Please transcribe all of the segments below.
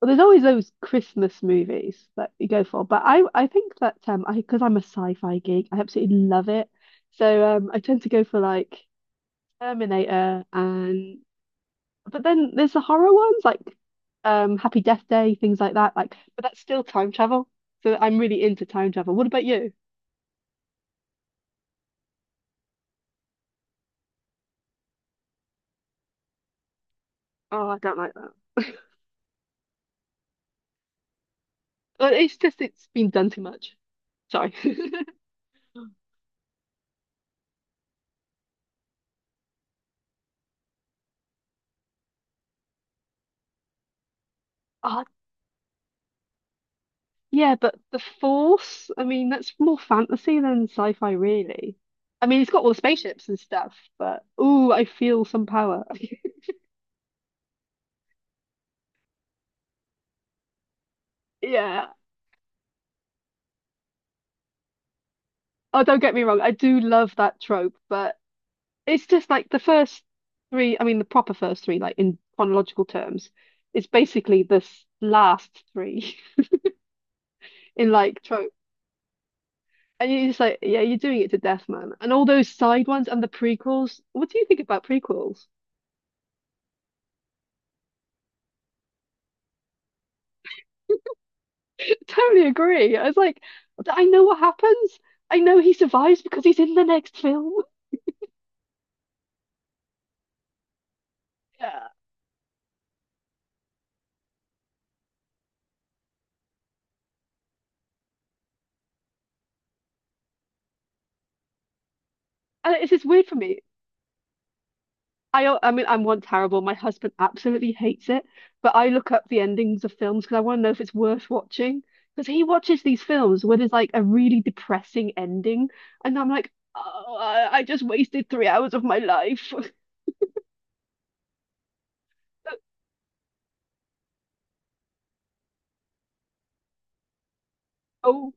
Well, there's always those Christmas movies that you go for, but I think that I because I'm a sci-fi geek, I absolutely love it. So I tend to go for like Terminator and but then there's the horror ones like Happy Death Day, things like that. Like, but that's still time travel. So I'm really into time travel. What about you? Oh, I don't like that. Well, it's just it's been done too much. Sorry. Yeah, but the Force, I mean, that's more fantasy than sci-fi, really. I mean, it's got all the spaceships and stuff, but ooh, I feel some power. Yeah. Oh, don't get me wrong, I do love that trope, but it's just like the first three, I mean, the proper first three, like in chronological terms, it's basically this last three in like trope. And you're just like, yeah, you're doing it to death, man. And all those side ones and the prequels. What do you think about prequels? Totally agree. I was like, I know what happens. I know he survives because he's in the next film. Yeah. And it's just weird for me. I mean, I'm one terrible. My husband absolutely hates it, but I look up the endings of films because I want to know if it's worth watching. Because he watches these films where there's like a really depressing ending, and I'm like, oh, I just wasted 3 hours of my life. Oh,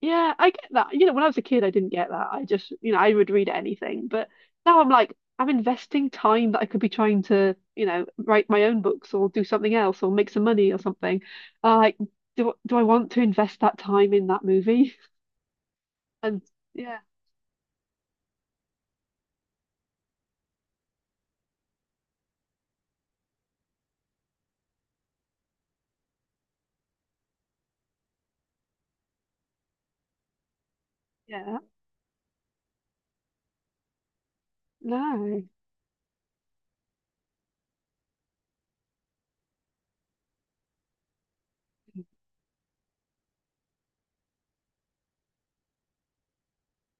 yeah, I get that. You know, when I was a kid, I didn't get that. I just, you know, I would read anything. But now I'm like, I'm investing time that I could be trying to, you know, write my own books or do something else or make some money or something. Uh, like, do I want to invest that time in that movie? And yeah, yeah, no.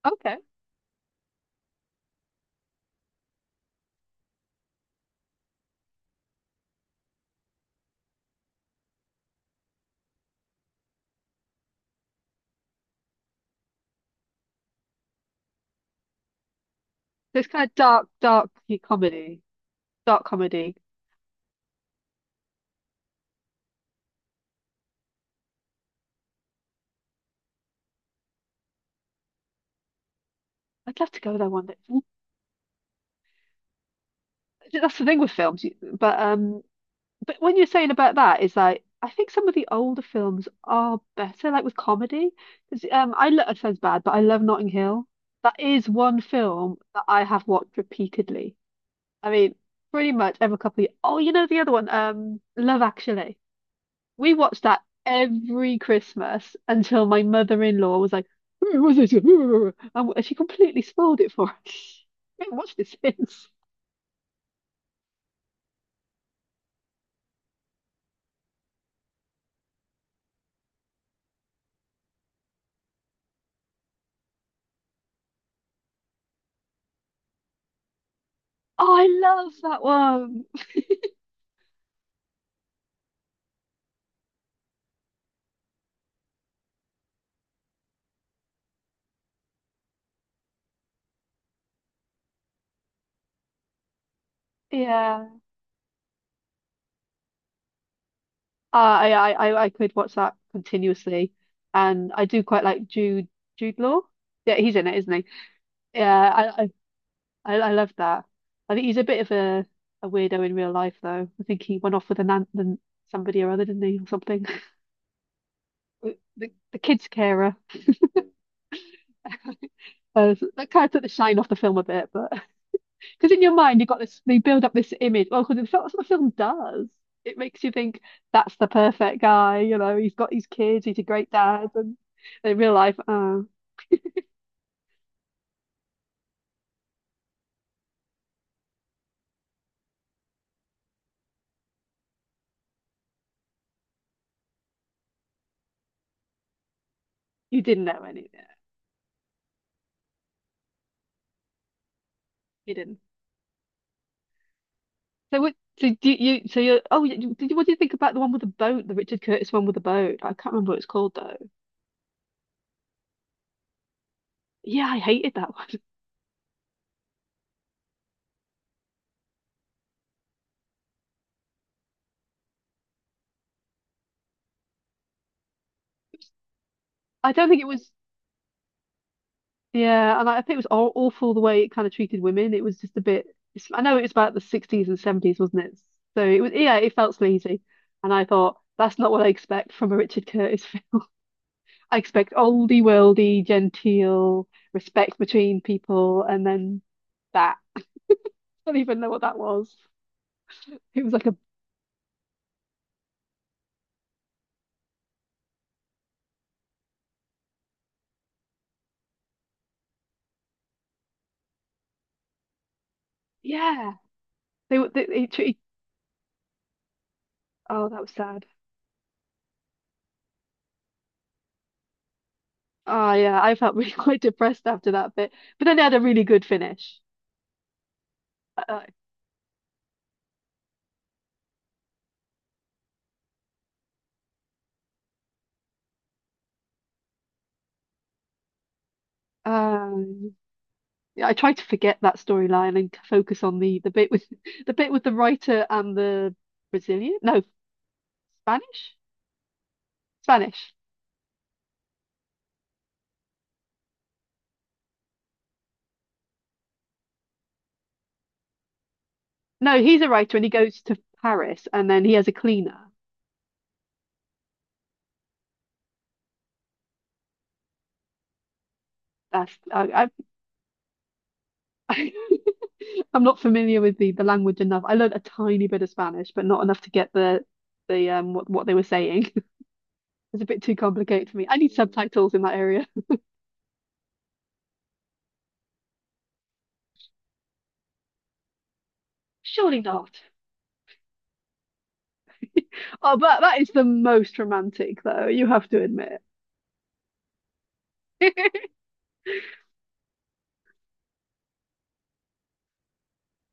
Okay. So it's kind of dark, dark comedy, dark comedy. I'd love to go there one day. That's the thing with films, but when you're saying about that, it's like I think some of the older films are better, like with comedy. Because it sounds bad, but I love Notting Hill. That is one film that I have watched repeatedly. I mean, pretty much every couple of years. Oh, you know the other one, Love Actually. We watched that every Christmas until my mother-in-law was like, "Who was this?" And she completely spoiled it for us. We haven't watched it since. Oh, I love that one. Yeah. I could watch that continuously, and I do quite like Jude Law. Yeah, he's in it, isn't he? Yeah, I I I love that. I think he's a bit of a weirdo in real life, though. I think he went off with an aunt and somebody or other, didn't he, or something? The kid's carer. So that kind of took the shine off the film a bit, but because in your mind you've got this, they build up this image. Well, because that's what the film does. It makes you think that's the perfect guy. You know, he's got his kids, he's a great dad, and in real life. Uh, you didn't know any. Yeah, you didn't. So what? So do you? So you're. Oh, you, did you? What do you think about the one with the boat? The Richard Curtis one with the boat. I can't remember what it's called though. Yeah, I hated that one. I don't think it was. Yeah, and I think it was aw awful the way it kind of treated women. It was just a bit. It's, I know it was about the 60s and 70s, wasn't it? So it was. Yeah, it felt sleazy, and I thought that's not what I expect from a Richard Curtis film. I expect oldie worldy, genteel respect between people, and then that. I don't even know what that was. It was like a yeah, they were. Treated- oh, that was sad. Oh yeah, I felt really quite depressed after that bit. But then they had a really good finish. Uh, um, yeah, I tried to forget that storyline and focus on the bit with the bit with the writer and the Brazilian. No, Spanish, Spanish. No, he's a writer and he goes to Paris and then he has a cleaner. That's I I'm not familiar with the language enough. I learned a tiny bit of Spanish, but not enough to get the what they were saying. Is a bit too complicated for me. I need subtitles in that area. Surely not. Oh, but that is the most romantic, though, you have to admit.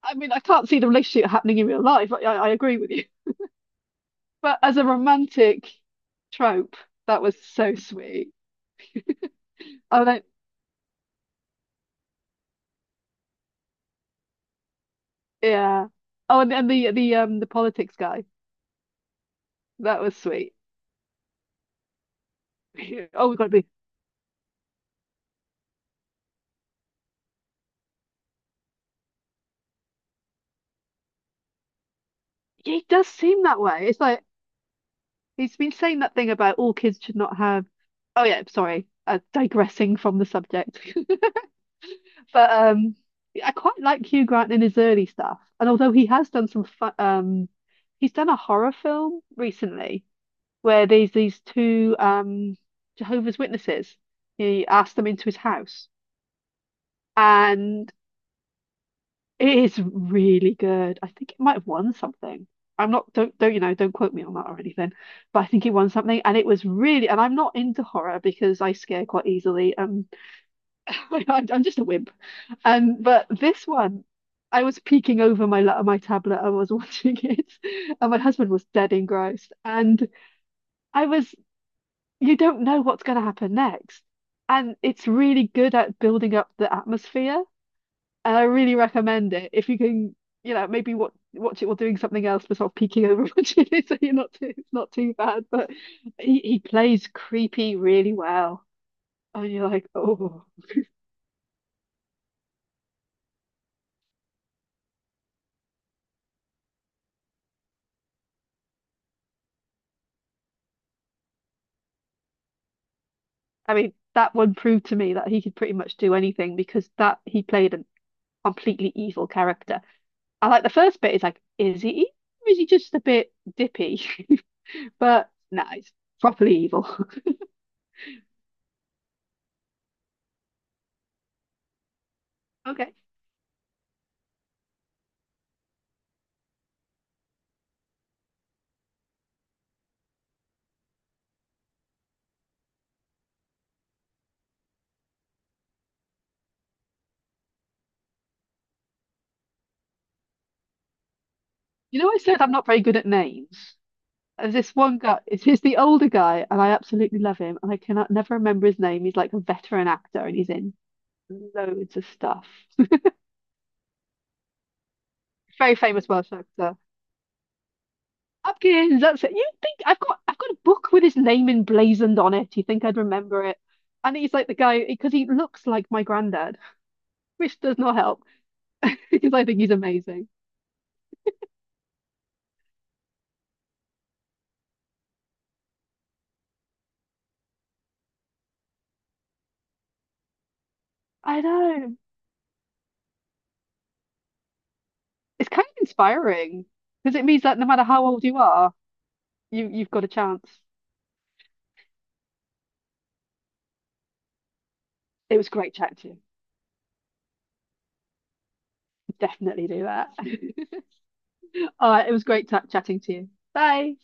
I mean, I can't see the relationship happening in real life. I agree with you. But as a romantic trope, that was so sweet. Oh, then, yeah. Oh, and the politics guy, that was sweet. Oh, we have gotta be. He does seem that way. It's like he's been saying that thing about all kids should not have. Oh yeah, sorry. Digressing from the subject. But I quite like Hugh Grant in his early stuff. And although he has done some fun, he's done a horror film recently where there's these two Jehovah's Witnesses. He asked them into his house, and it is really good. I think it might have won something. I'm not don't don't you know don't quote me on that or anything, but I think it won something, and it was really. And I'm not into horror because I scare quite easily. I'm just a wimp. And but this one, I was peeking over my tablet. I was watching it, and my husband was dead engrossed. And I was, you don't know what's going to happen next, and it's really good at building up the atmosphere. And I really recommend it if you can, you know, maybe watch it while doing something else, but sort of peeking over watching it, so you're not too, it's not too bad. But he plays creepy really well, and you're like, oh. I mean, that one proved to me that he could pretty much do anything because that he played a completely evil character. I like the first bit is like, is he evil or is he just a bit dippy? But no, nah, he's properly evil. Okay. You know, I said I'm not very good at names. There's this one guy, it's he's the older guy, and I absolutely love him, and I cannot never remember his name. He's like a veteran actor and he's in loads of stuff. Very famous Welsh actor. Hopkins, that's it. You think I've got a book with his name emblazoned on it. You think I'd remember it? And he's like the guy because he looks like my granddad, which does not help because I think he's amazing. I know. It's kind of inspiring because it means that no matter how old you are, you've got a chance. It was great chatting to you. Definitely do that. All right, it was great ta chatting to you. Bye.